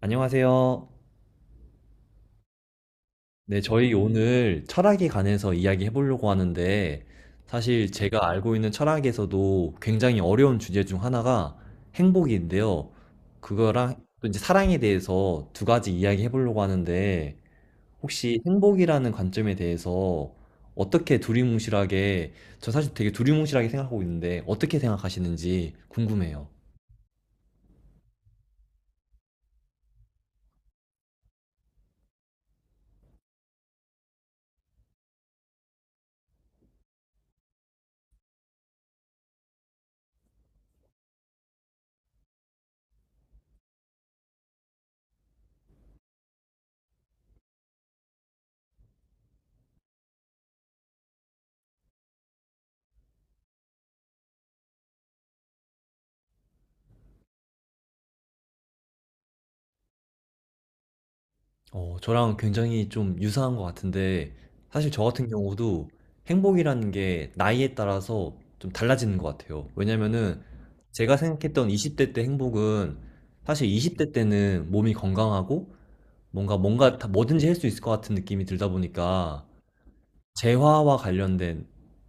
안녕하세요. 네, 저희 오늘 철학에 관해서 이야기해 보려고 하는데, 사실 제가 알고 있는 철학에서도 굉장히 어려운 주제 중 하나가 행복인데요. 그거랑 또 이제 사랑에 대해서 두 가지 이야기해 보려고 하는데, 혹시 행복이라는 관점에 대해서 어떻게 두리뭉실하게, 저 사실 되게 두리뭉실하게 생각하고 있는데, 어떻게 생각하시는지 궁금해요. 어, 저랑 굉장히 좀 유사한 것 같은데, 사실 저 같은 경우도 행복이라는 게 나이에 따라서 좀 달라지는 것 같아요. 왜냐면은 제가 생각했던 20대 때 행복은, 사실 20대 때는 몸이 건강하고 뭔가 뭔가 다 뭐든지 할 수 있을 것 같은 느낌이 들다 보니까 재화와 관련된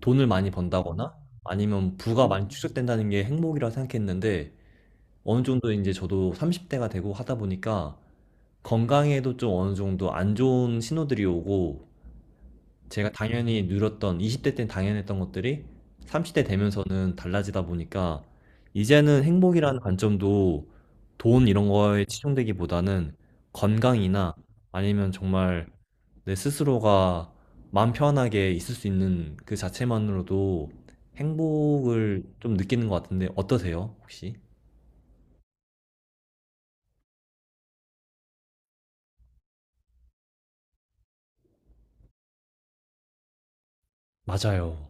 돈을 많이 번다거나 아니면 부가 많이 축적된다는 게 행복이라 생각했는데, 어느 정도 이제 저도 30대가 되고 하다 보니까 건강에도 좀 어느 정도 안 좋은 신호들이 오고, 제가 당연히 누렸던 20대 때 당연했던 것들이 30대 되면서는 달라지다 보니까 이제는 행복이라는 관점도 돈 이런 거에 치중되기보다는 건강이나, 아니면 정말 내 스스로가 마음 편하게 있을 수 있는 그 자체만으로도 행복을 좀 느끼는 것 같은데, 어떠세요, 혹시? 맞아요.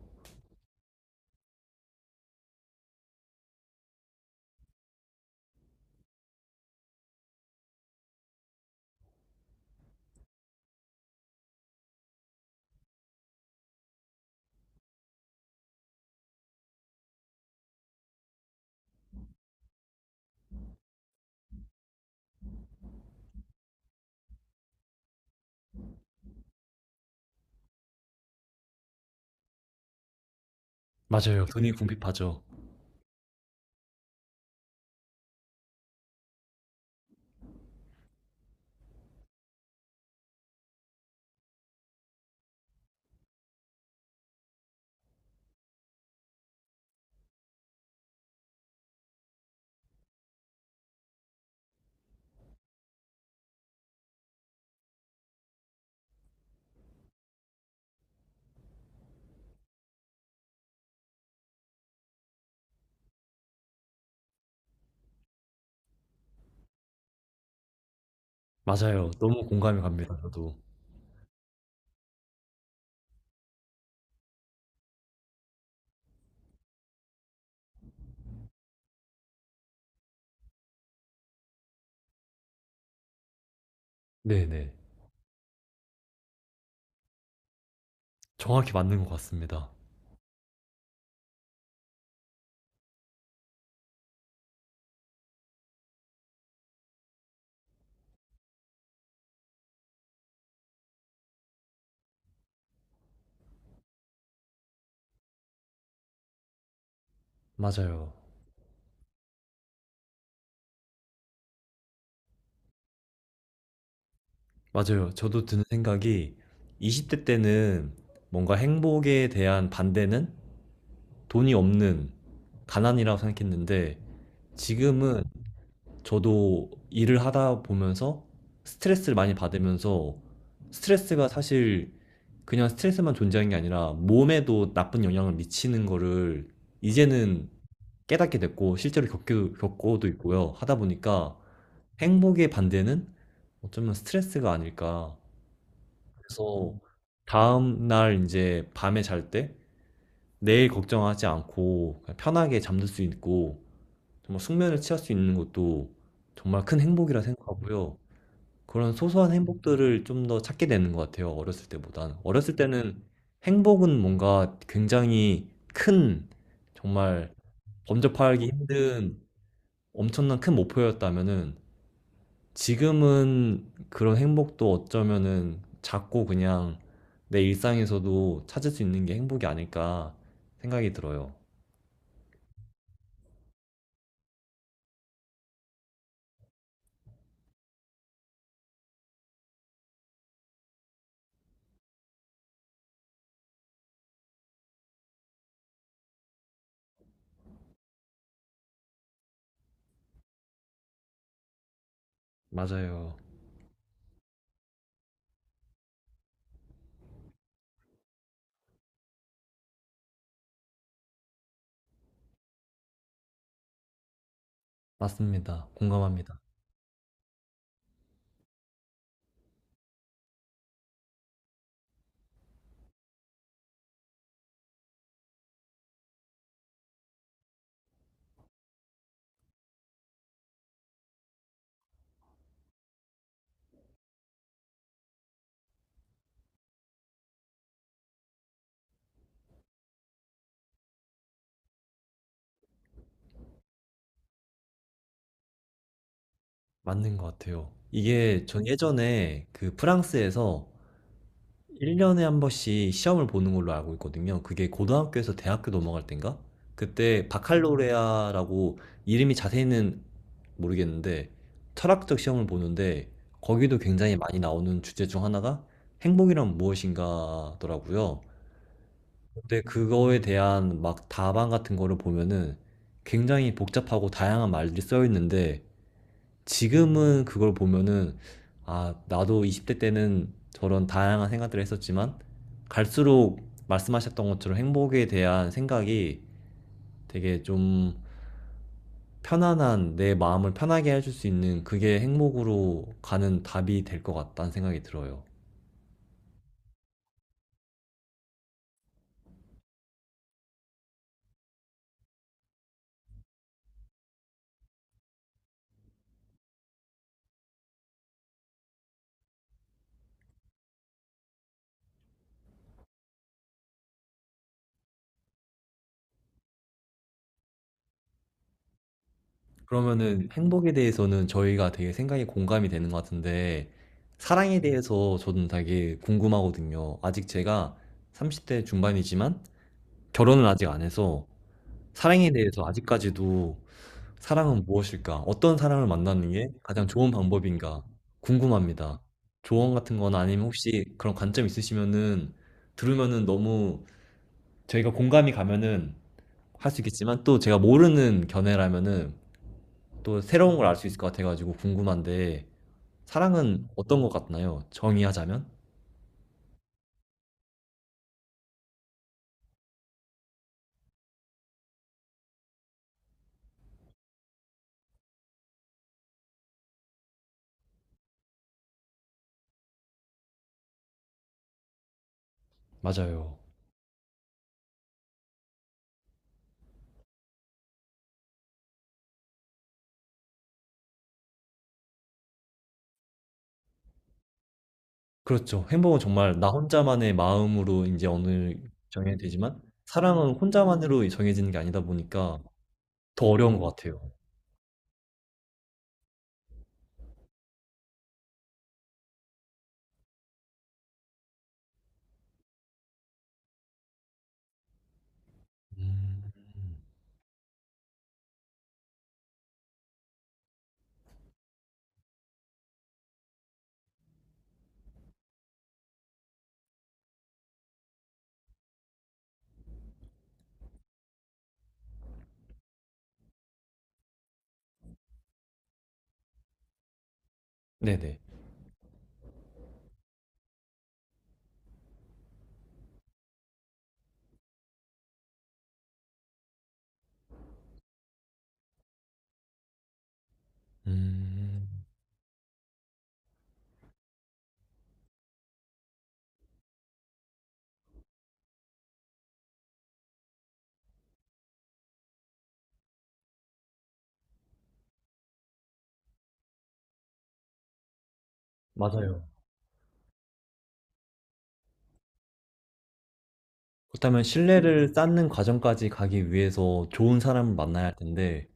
맞아요. 돈이 궁핍하죠. 맞아요. 너무 공감이 갑니다, 저도. 네네. 정확히 맞는 것 같습니다. 맞아요. 맞아요. 저도 드는 생각이, 20대 때는 뭔가 행복에 대한 반대는 돈이 없는 가난이라고 생각했는데, 지금은 저도 일을 하다 보면서 스트레스를 많이 받으면서, 스트레스가 사실 그냥 스트레스만 존재하는 게 아니라 몸에도 나쁜 영향을 미치는 거를 이제는 깨닫게 됐고 실제로 겪기도, 겪고도 있고요. 하다 보니까 행복의 반대는 어쩌면 스트레스가 아닐까. 그래서 다음 날 이제 밤에 잘 때 내일 걱정하지 않고 그냥 편하게 잠들 수 있고 정말 숙면을 취할 수 있는 것도 정말 큰 행복이라 생각하고요. 그런 소소한 행복들을 좀 더 찾게 되는 것 같아요, 어렸을 때보단. 어렸을 때는 행복은 뭔가 굉장히 큰, 정말 범접하기 힘든, 엄청난 큰 목표였다면은, 지금은 그런 행복도 어쩌면은 작고 그냥 내 일상에서도 찾을 수 있는 게 행복이 아닐까 생각이 들어요. 맞아요. 맞습니다. 공감합니다. 맞는 것 같아요. 이게 전 예전에 그 프랑스에서 1년에 한 번씩 시험을 보는 걸로 알고 있거든요. 그게 고등학교에서 대학교 넘어갈 땐가? 그때 바칼로레아라고, 이름이 자세히는 모르겠는데, 철학적 시험을 보는데 거기도 굉장히 많이 나오는 주제 중 하나가 행복이란 무엇인가더라고요. 근데 그거에 대한 막 답안 같은 거를 보면은 굉장히 복잡하고 다양한 말들이 쓰여 있는데, 지금은 그걸 보면은 아, 나도 20대 때는 저런 다양한 생각들을 했었지만, 갈수록 말씀하셨던 것처럼 행복에 대한 생각이 되게 좀, 편안한 내 마음을 편하게 해줄 수 있는 그게 행복으로 가는 답이 될 것 같다는 생각이 들어요. 그러면은 행복에 대해서는 저희가 되게 생각이 공감이 되는 것 같은데, 사랑에 대해서 저는 되게 궁금하거든요. 아직 제가 30대 중반이지만 결혼을 아직 안 해서 사랑에 대해서 아직까지도 '사랑은 무엇일까? 어떤 사람을 만나는 게 가장 좋은 방법인가?' 궁금합니다. 조언 같은 거나 아니면 혹시 그런 관점 있으시면은 들으면은 너무, 저희가 공감이 가면은 할 수 있겠지만, 또 제가 모르는 견해라면은 또 새로운 걸 알 수 있을 것 같아 가지고 궁금한데, 사랑은 어떤 것 같나요, 정의하자면? 맞아요. 그렇죠. 행복은 정말 나 혼자만의 마음으로 이제 어느, 정해야 되지만 사랑은 혼자만으로 정해지는 게 아니다 보니까 더 어려운 것 같아요. 음. 네네. 음. 맞아요. 그렇다면 신뢰를 쌓는 과정까지 가기 위해서 좋은 사람을 만나야 할 텐데,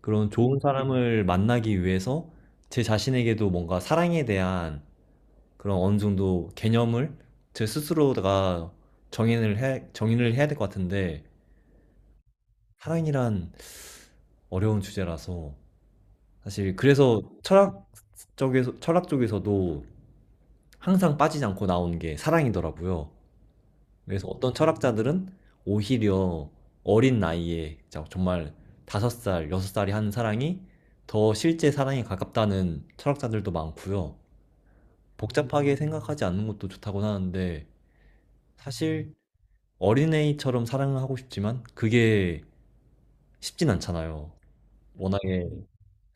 그런 좋은 사람을 만나기 위해서 제 자신에게도 뭔가 사랑에 대한 그런 어느 정도 개념을 제 스스로가 정인을 해 정의를 해야 될 것 같은데, 사랑이란 어려운 주제라서, 사실 그래서 철학 쪽에서도 항상 빠지지 않고 나오는 게 사랑이더라고요. 그래서 어떤 철학자들은 오히려 어린 나이에 정말 5살, 여섯 살이 하는 사랑이 더 실제 사랑에 가깝다는 철학자들도 많고요. 복잡하게 생각하지 않는 것도 좋다고 하는데, 사실 어린애처럼 사랑을 하고 싶지만 그게 쉽진 않잖아요. 워낙에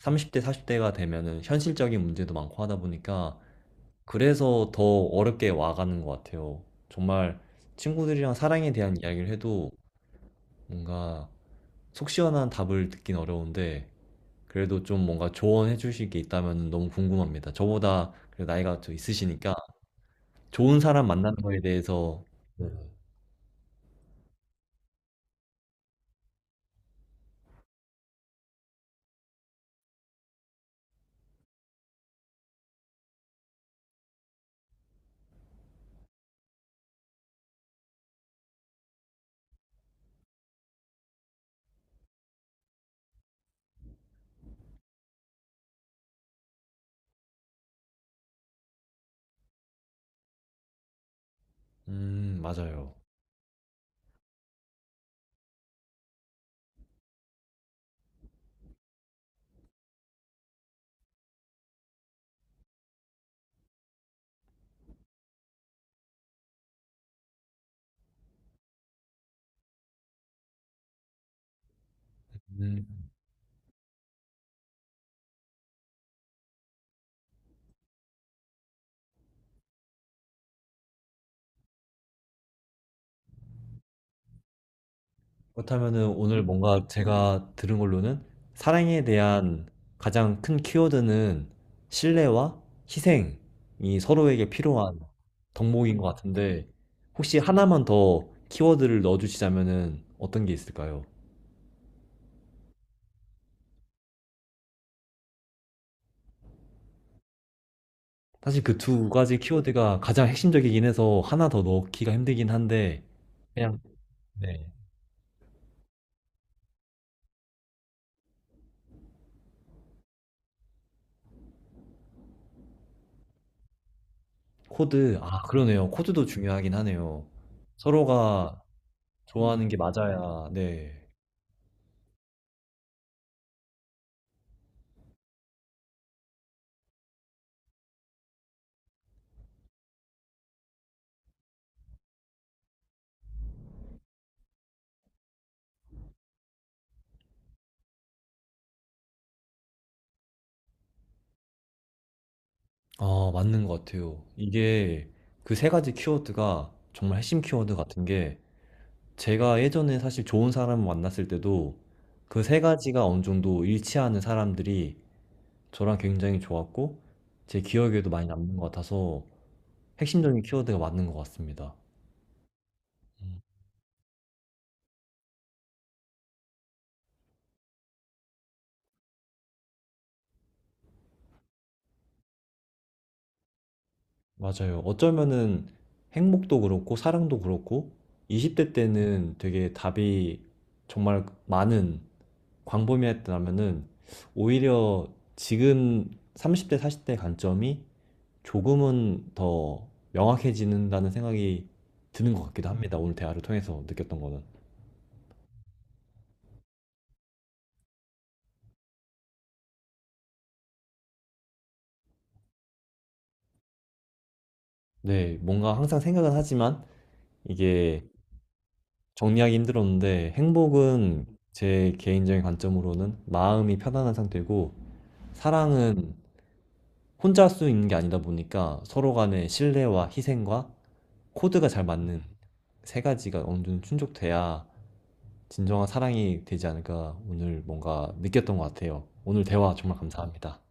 30대, 40대가 되면은 현실적인 문제도 많고 하다 보니까. 그래서 더 어렵게 와가는 것 같아요. 정말 친구들이랑 사랑에 대한 이야기를 해도 뭔가 속 시원한 답을 듣긴 어려운데, 그래도 좀 뭔가 조언해 주실 게 있다면 너무 궁금합니다. 저보다 그래도 나이가 좀 있으시니까, 좋은 사람 만나는 거에 대해서. 네. 맞아요. 음. 그렇다면은 오늘 뭔가 제가 들은 걸로는, 사랑에 대한 가장 큰 키워드는 신뢰와 희생이 서로에게 필요한 덕목인 것 같은데, 혹시 하나만 더 키워드를 넣어주시자면은 어떤 게 있을까요? 사실 그 두 가지 키워드가 가장 핵심적이긴 해서 하나 더 넣기가 힘들긴 한데, 그냥. 네. 코드? 아, 그러네요. 코드도 중요하긴 하네요. 서로가 좋아하는 게 맞아야. 네. 아, 맞는 것 같아요. 이게 그 세 가지 키워드가 정말 핵심 키워드 같은 게, 제가 예전에 사실 좋은 사람을 만났을 때도 그 세 가지가 어느 정도 일치하는 사람들이 저랑 굉장히 좋았고 제 기억에도 많이 남는 것 같아서 핵심적인 키워드가 맞는 것 같습니다. 맞아요. 어쩌면은 행복도 그렇고 사랑도 그렇고 20대 때는 되게 답이 정말 많은, 광범위했다면은, 오히려 지금 30대, 40대 관점이 조금은 더 명확해지는다는 생각이 드는 것 같기도 합니다, 오늘 대화를 통해서 느꼈던 거는. 네, 뭔가 항상 생각은 하지만 이게 정리하기 힘들었는데, 행복은 제 개인적인 관점으로는 마음이 편안한 상태고, 사랑은 혼자 할 수 있는 게 아니다 보니까 서로 간의 신뢰와 희생과 코드가 잘 맞는 세 가지가 어느 정도 충족돼야 진정한 사랑이 되지 않을까 오늘 뭔가 느꼈던 것 같아요. 오늘 대화 정말 감사합니다.